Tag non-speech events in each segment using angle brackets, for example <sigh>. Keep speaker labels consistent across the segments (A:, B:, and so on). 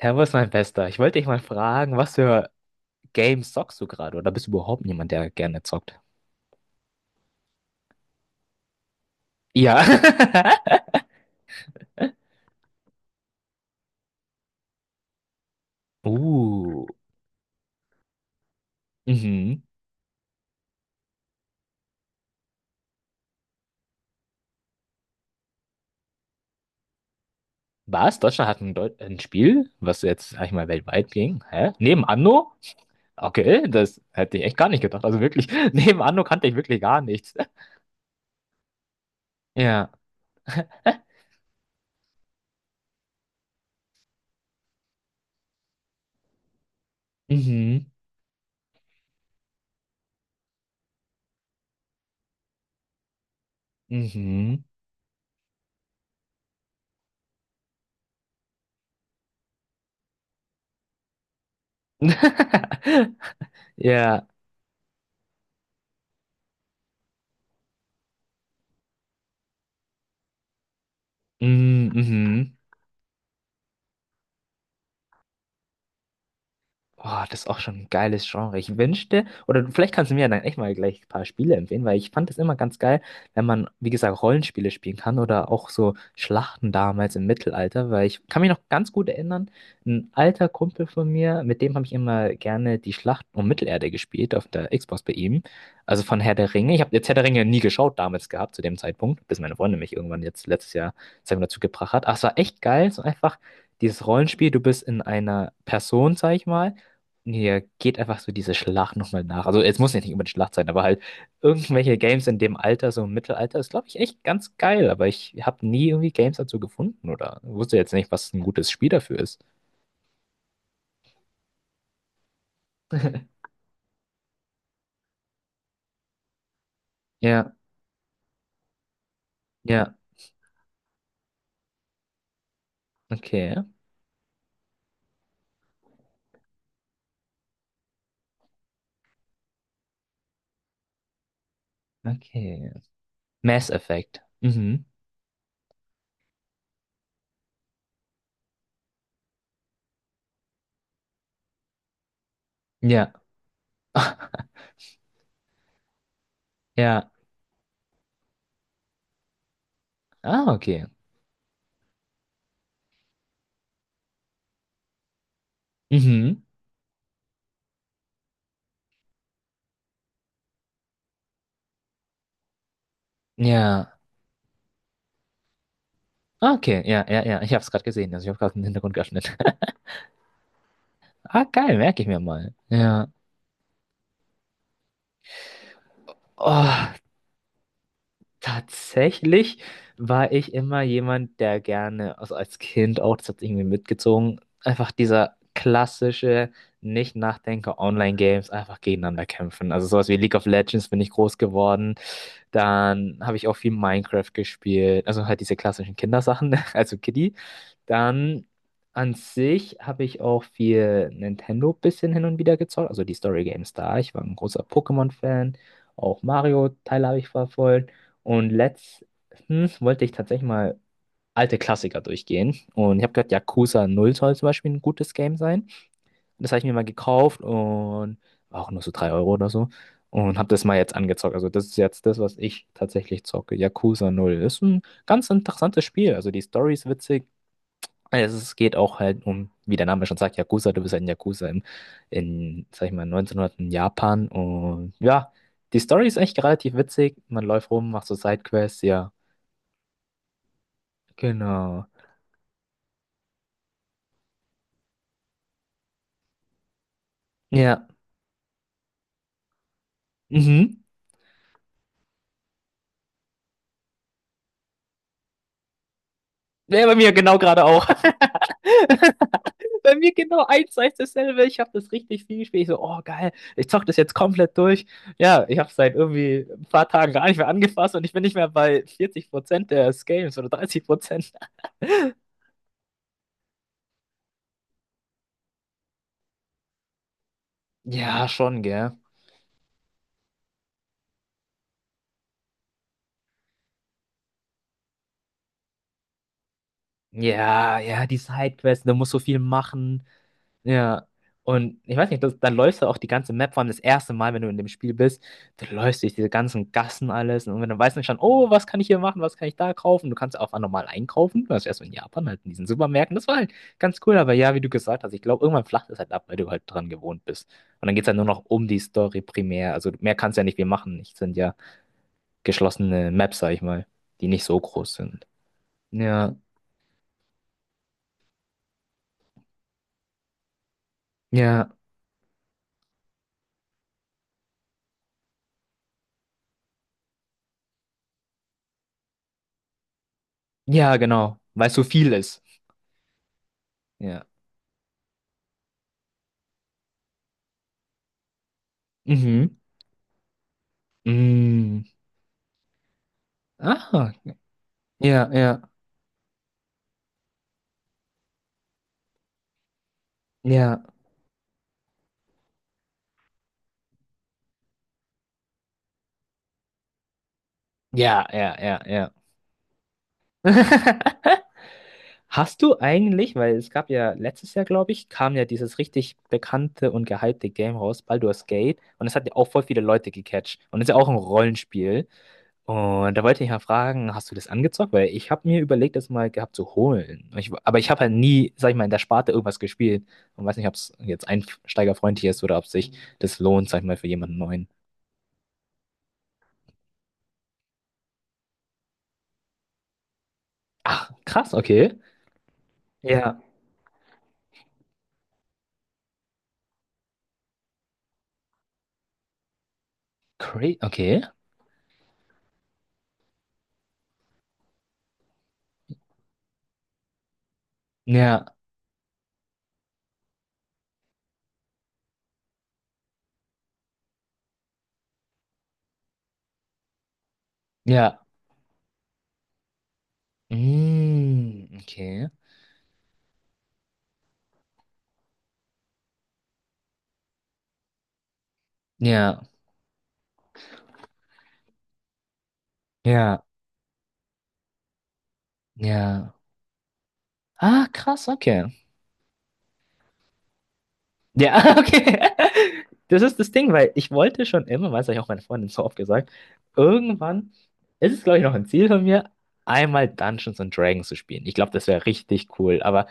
A: Servus, mein Bester. Ich wollte dich mal fragen, was für Games zockst du gerade? Oder bist du überhaupt jemand, der gerne zockt? Ja. <laughs> Uh. Mhm. Was? Deutschland hat ein Spiel, was jetzt, sag ich mal, weltweit ging? Hä? Neben Anno? Okay, das hätte ich echt gar nicht gedacht. Also wirklich, <laughs> neben Anno kannte ich wirklich gar nichts. <laughs> Ja. Mhm. Mhm. <laughs> Ja. Mhm. Mhm. Boah, das ist auch schon ein geiles Genre. Ich wünschte, oder vielleicht kannst du mir dann echt mal gleich ein paar Spiele empfehlen, weil ich fand das immer ganz geil, wenn man, wie gesagt, Rollenspiele spielen kann oder auch so Schlachten damals im Mittelalter, weil ich kann mich noch ganz gut erinnern, ein alter Kumpel von mir, mit dem habe ich immer gerne die Schlacht um Mittelerde gespielt auf der Xbox bei ihm, also von Herr der Ringe. Ich habe jetzt Herr der Ringe nie geschaut damals gehabt zu dem Zeitpunkt, bis meine Freundin mich irgendwann jetzt letztes Jahr, sagen wir, dazu gebracht hat. Ach, es war echt geil, so einfach dieses Rollenspiel, du bist in einer Person, sag ich mal ja, geht einfach so diese Schlacht nochmal nach. Also es muss ja nicht unbedingt Schlacht sein, aber halt irgendwelche Games in dem Alter, so im Mittelalter, ist, glaube ich, echt ganz geil. Aber ich habe nie irgendwie Games dazu gefunden oder wusste jetzt nicht, was ein gutes Spiel dafür ist. Ja, ja, okay, okay. Mass Effect. Mhm. Ja. <laughs> Ja. Ah, okay. Mhm. Ja. Ah, okay, ja, ja, ja. Ich habe es gerade gesehen. Also ich habe gerade den Hintergrund geöffnet. <laughs> Ah, geil, merke ich mir mal. Ja. Oh. Tatsächlich war ich immer jemand, der gerne, also als Kind auch, das hat irgendwie mitgezogen, einfach dieser klassische Nicht-Nachdenker-Online-Games einfach gegeneinander kämpfen. Also sowas wie League of Legends bin ich groß geworden. Dann habe ich auch viel Minecraft gespielt. Also halt diese klassischen Kindersachen, <laughs> also Kiddie. Dann an sich habe ich auch viel Nintendo bisschen hin und wieder gezockt, also die Story Games da. Ich war ein großer Pokémon-Fan, auch Mario-Teile habe ich verfolgt. Und letztens wollte ich tatsächlich mal alte Klassiker durchgehen. Und ich habe gehört, Yakuza Null soll zum Beispiel ein gutes Game sein. Das habe ich mir mal gekauft und war auch nur so 3 Euro oder so. Und habe das mal jetzt angezockt. Also das ist jetzt das, was ich tatsächlich zocke. Yakuza Null ist ein ganz interessantes Spiel. Also die Story ist witzig. Also es geht auch halt um, wie der Name schon sagt, Yakuza, du bist halt ein Yakuza in, sag ich mal, 1900 in Japan. Und ja, die Story ist echt relativ witzig. Man läuft rum, macht so Sidequests, ja. Genau. Ja. Mhm. Ja, bei mir genau gerade auch. <laughs> Bei mir genau eins zu eins dasselbe. Ich habe das richtig viel gespielt. Ich so, oh geil, ich zock das jetzt komplett durch. Ja, ich habe es seit irgendwie ein paar Tagen gar nicht mehr angefasst und ich bin nicht mehr bei 40% des Games oder 30%. <laughs> Ja, schon, gell. Ja, ja, die Sidequests, du musst so viel machen. Ja. Und ich weiß nicht, das, dann läufst du auch die ganze Map, vor allem das erste Mal, wenn du in dem Spiel bist, du läufst durch diese ganzen Gassen alles und dann weißt du schon, oh, was kann ich hier machen, was kann ich da kaufen? Du kannst auch normal einkaufen, du warst erst in Japan halt in diesen Supermärkten, das war halt ganz cool, aber ja, wie du gesagt hast, ich glaube, irgendwann flacht es halt ab, weil du halt dran gewohnt bist. Und dann geht es halt nur noch um die Story primär, also mehr kannst du ja nicht viel machen, es sind ja geschlossene Maps, sag ich mal, die nicht so groß sind. Ja, ja. Ja, genau, weil es so viel ist. Ja. Mhm. Mm. Ah, ja, ja, ja, ja, ja, ja, ja. <laughs> Hast du eigentlich, weil es gab ja letztes Jahr, glaube ich, kam ja dieses richtig bekannte und gehypte Game raus, Baldur's Gate, und das hat ja auch voll viele Leute gecatcht. Und das ist ja auch ein Rollenspiel. Und da wollte ich mal fragen, hast du das angezockt? Weil ich habe mir überlegt, das mal gehabt zu holen. Ich, aber ich habe halt nie, sag ich mal, in der Sparte irgendwas gespielt. Und weiß nicht, ob es jetzt einsteigerfreundlich ist oder ob sich das lohnt, sag ich mal, für jemanden neuen. Ach, krass, okay. Ja. Cra okay. Ja, ja. Mm, okay. Ja, ja, ja. Ah, krass, okay. Ja, <laughs> okay. Das ist das Ding, weil ich wollte schon immer, weil es habe ich auch meine Freundin so oft gesagt, irgendwann ist es, glaube ich, noch ein Ziel von mir, einmal Dungeons and Dragons zu spielen. Ich glaube, das wäre richtig cool, aber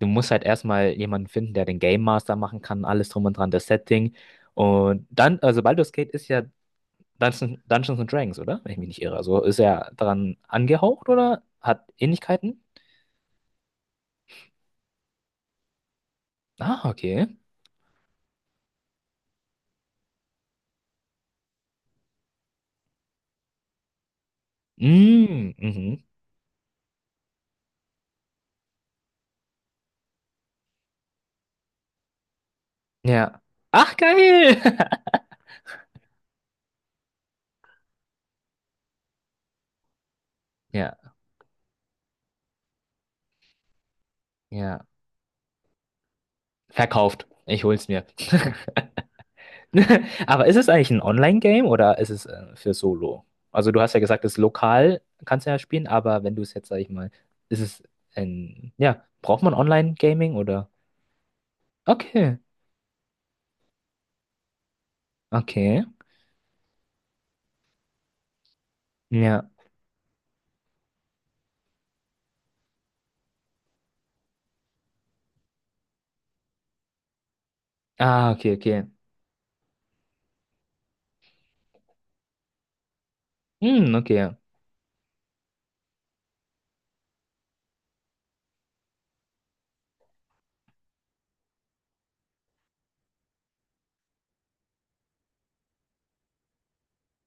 A: du musst halt erstmal jemanden finden, der den Game Master machen kann, alles drum und dran, das Setting. Und dann, also Baldur's Gate ist ja Dungeons and Dragons, oder? Wenn ich mich nicht irre. Also ist er daran angehaucht oder hat Ähnlichkeiten? Ah, okay. Mm, mhm. Ja. Ach, geil! <laughs> Ja. Ja. Verkauft. Ich hol's mir. <laughs> <laughs> Aber ist es eigentlich ein Online-Game oder ist es für Solo? Also du hast ja gesagt, es lokal kannst du ja spielen, aber wenn du es jetzt, sag ich mal, ist es ein, ja, braucht man Online-Gaming oder? Okay, okay, ja. Ah, okay, okay. Hm, okay.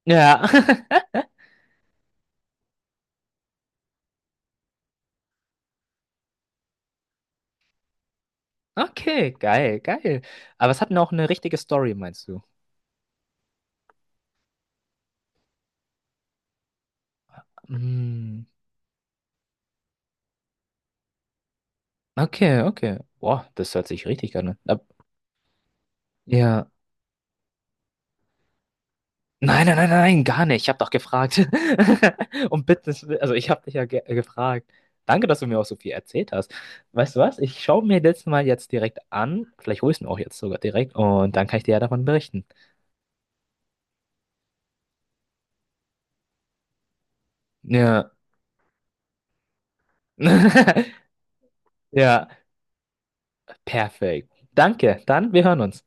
A: Ja. <laughs> Okay, geil, geil. Aber es hat noch eine richtige Story, meinst du? Hm, okay, okay. Boah, das hört sich richtig an. Ne? Ab- Ja. Nein, nein, nein, nein, gar nicht. Ich habe doch gefragt. <laughs> Und bitte, also ich habe dich ja ge gefragt. Danke, dass du mir auch so viel erzählt hast. Weißt du was? Ich schaue mir das mal jetzt direkt an. Vielleicht hole ich ihn auch jetzt sogar direkt und dann kann ich dir ja davon berichten. Ja. <laughs> Ja, perfekt. Danke. Dann, wir hören uns.